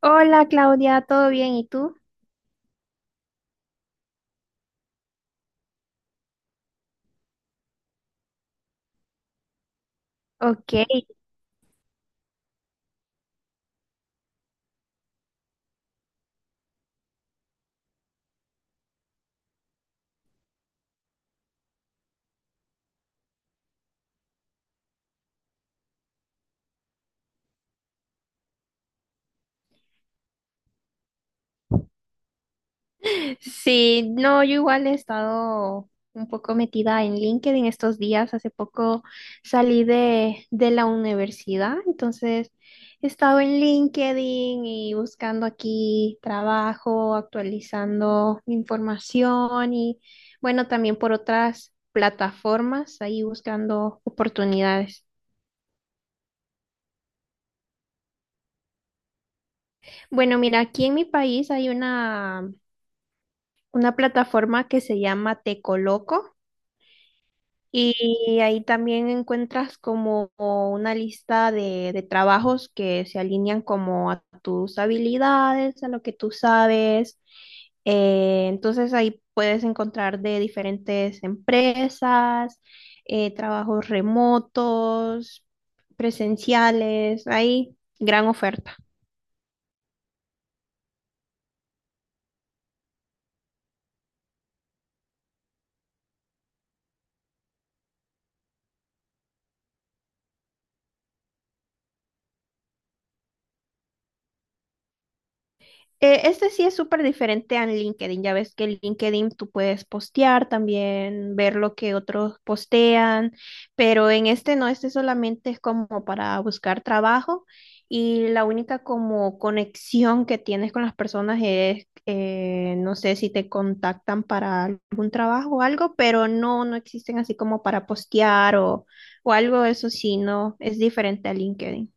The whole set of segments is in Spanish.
Hola Claudia, ¿todo bien? ¿Y tú? Ok. Sí, no, yo igual he estado un poco metida en LinkedIn estos días. Hace poco salí de la universidad, entonces he estado en LinkedIn y buscando aquí trabajo, actualizando información y bueno, también por otras plataformas, ahí buscando oportunidades. Bueno, mira, aquí en mi país hay una plataforma que se llama Te Coloco y ahí también encuentras como una lista de trabajos que se alinean como a tus habilidades, a lo que tú sabes. Entonces ahí puedes encontrar de diferentes empresas, trabajos remotos, presenciales, hay gran oferta. Este sí es súper diferente a LinkedIn. Ya ves que en LinkedIn tú puedes postear también, ver lo que otros postean, pero en este no, este solamente es como para buscar trabajo y la única como conexión que tienes con las personas es, no sé si te contactan para algún trabajo o algo, pero no, no existen así como para postear o algo, eso sí, no, es diferente a LinkedIn.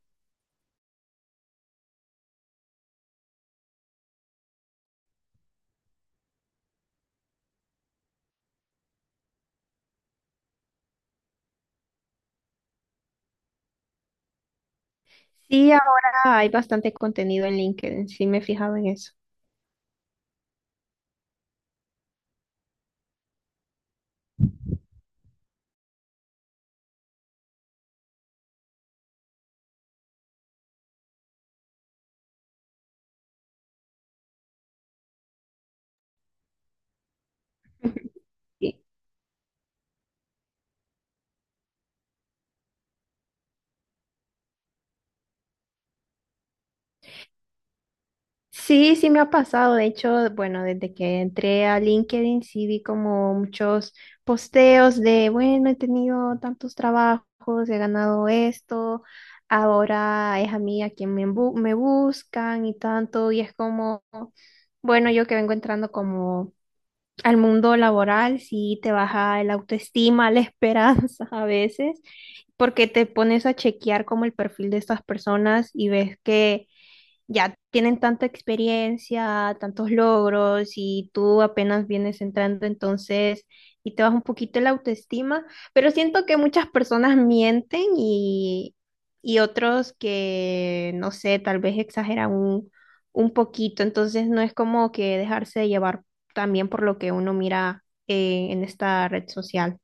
Sí, ahora hay bastante contenido en LinkedIn, sí me he fijado en eso. Sí, sí me ha pasado. De hecho, bueno, desde que entré a LinkedIn, sí vi como muchos posteos de, bueno, he tenido tantos trabajos, he ganado esto, ahora es a mí a quien me, me buscan y tanto. Y es como, bueno, yo que vengo entrando como al mundo laboral, sí te baja el autoestima, la esperanza a veces, porque te pones a chequear como el perfil de estas personas y ves que ya tienen tanta experiencia, tantos logros y tú apenas vienes entrando entonces y te baja un poquito la autoestima, pero siento que muchas personas mienten y otros que, no sé, tal vez exageran un poquito, entonces no es como que dejarse llevar también por lo que uno mira en esta red social.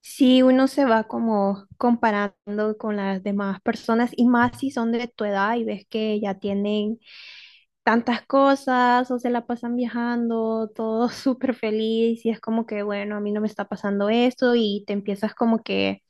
Sí, uno se va como comparando con las demás personas y más si son de tu edad y ves que ya tienen tantas cosas o se la pasan viajando, todo súper feliz y es como que, bueno, a mí no me está pasando esto y te empiezas como que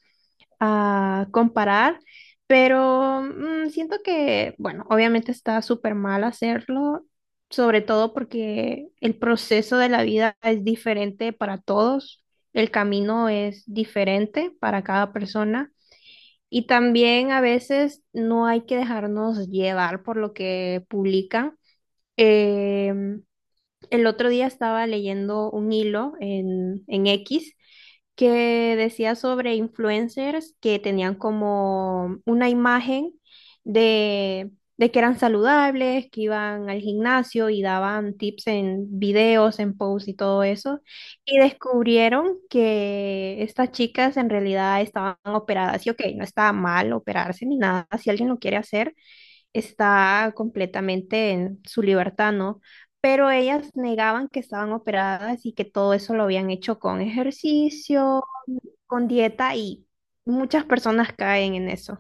a comparar, pero siento que, bueno, obviamente está súper mal hacerlo, sobre todo porque el proceso de la vida es diferente para todos, el camino es diferente para cada persona y también a veces no hay que dejarnos llevar por lo que publican. Em, el otro día estaba leyendo un hilo en X que decía sobre influencers que tenían como una imagen de, de que eran saludables, que iban al gimnasio y daban tips en videos, en posts y todo eso. Y descubrieron que estas chicas en realidad estaban operadas. Y ok, no está mal operarse ni nada, si alguien lo quiere hacer, está completamente en su libertad, ¿no? Pero ellas negaban que estaban operadas y que todo eso lo habían hecho con ejercicio, con dieta y muchas personas caen en eso.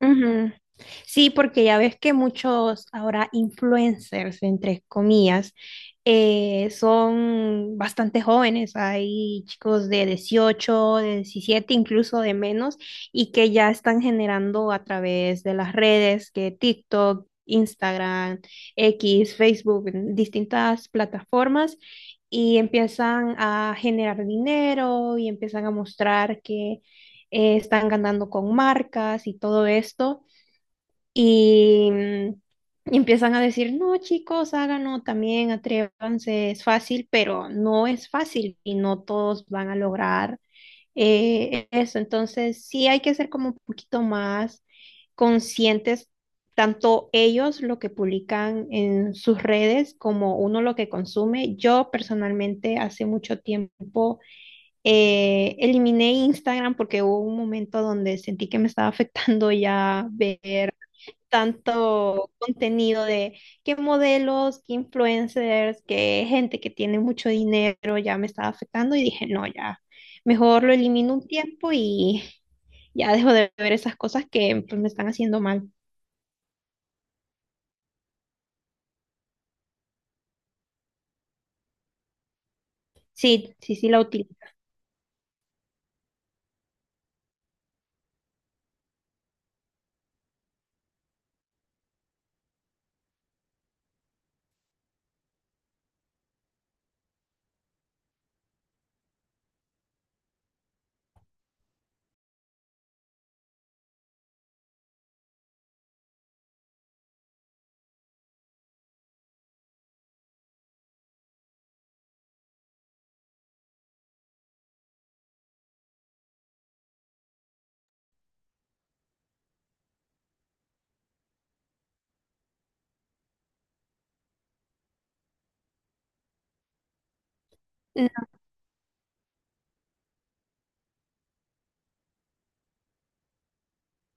Ujú. Sí, porque ya ves que muchos ahora influencers, entre comillas, son bastante jóvenes. Hay chicos de 18 de 17 incluso de menos, y que ya están generando a través de las redes, que TikTok, Instagram, X, Facebook, en distintas plataformas, y empiezan a generar dinero y empiezan a mostrar que están ganando con marcas y todo esto, y, y empiezan a decir, no, chicos, háganlo también, atrévanse, es fácil, pero no es fácil y no todos van a lograr eso. Entonces, sí hay que ser como un poquito más conscientes, tanto ellos lo que publican en sus redes como uno lo que consume. Yo personalmente hace mucho tiempo eliminé Instagram porque hubo un momento donde sentí que me estaba afectando ya ver tanto contenido de qué modelos, qué influencers, qué gente que tiene mucho dinero, ya me estaba afectando y dije, no, ya, mejor lo elimino un tiempo y ya dejo de ver esas cosas que pues, me están haciendo mal. Sí, sí, sí la utilizo.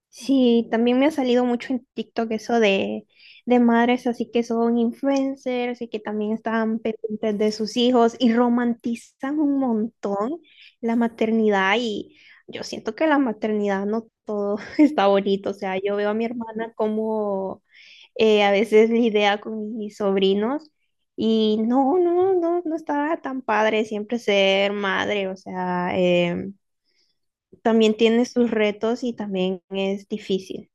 Sí, también me ha salido mucho en TikTok eso de madres así que son influencers y que también están pendientes de sus hijos y romantizan un montón la maternidad y yo siento que la maternidad no todo está bonito. O sea, yo veo a mi hermana como a veces lidia con mis sobrinos y no, no, no, no está tan padre siempre ser madre. O sea, también tiene sus retos y también es difícil.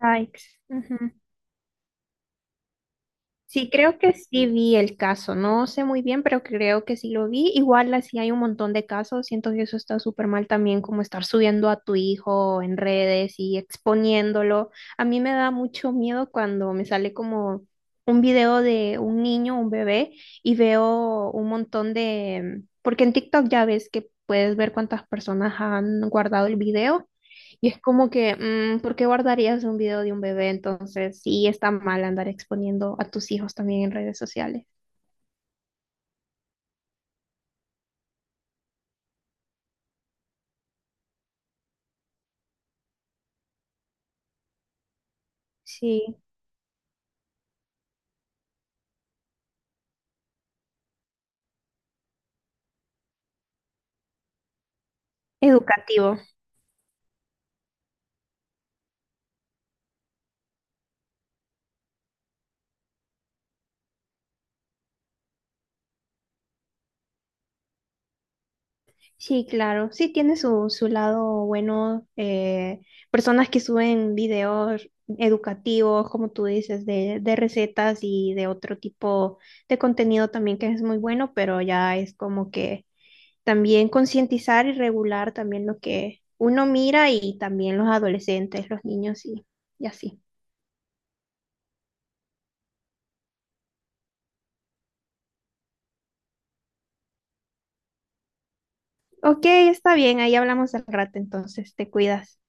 Sykes. Ujú. Sí, creo que sí vi el caso. No sé muy bien, pero creo que sí lo vi. Igual así hay un montón de casos. Siento que eso está súper mal también, como estar subiendo a tu hijo en redes y exponiéndolo. A mí me da mucho miedo cuando me sale como un video de un niño, un bebé, y veo un montón de. Porque en TikTok ya ves que puedes ver cuántas personas han guardado el video. Y es como que, ¿por qué guardarías un video de un bebé? Entonces, sí está mal andar exponiendo a tus hijos también en redes sociales. Sí, educativo. Sí, claro. Sí, tiene su, su lado bueno. Personas que suben videos educativos, como tú dices, de recetas y de otro tipo de contenido también que es muy bueno, pero ya es como que también concientizar y regular también lo que uno mira y también los adolescentes, los niños y así. Ok, está bien, ahí hablamos al rato, entonces te cuidas.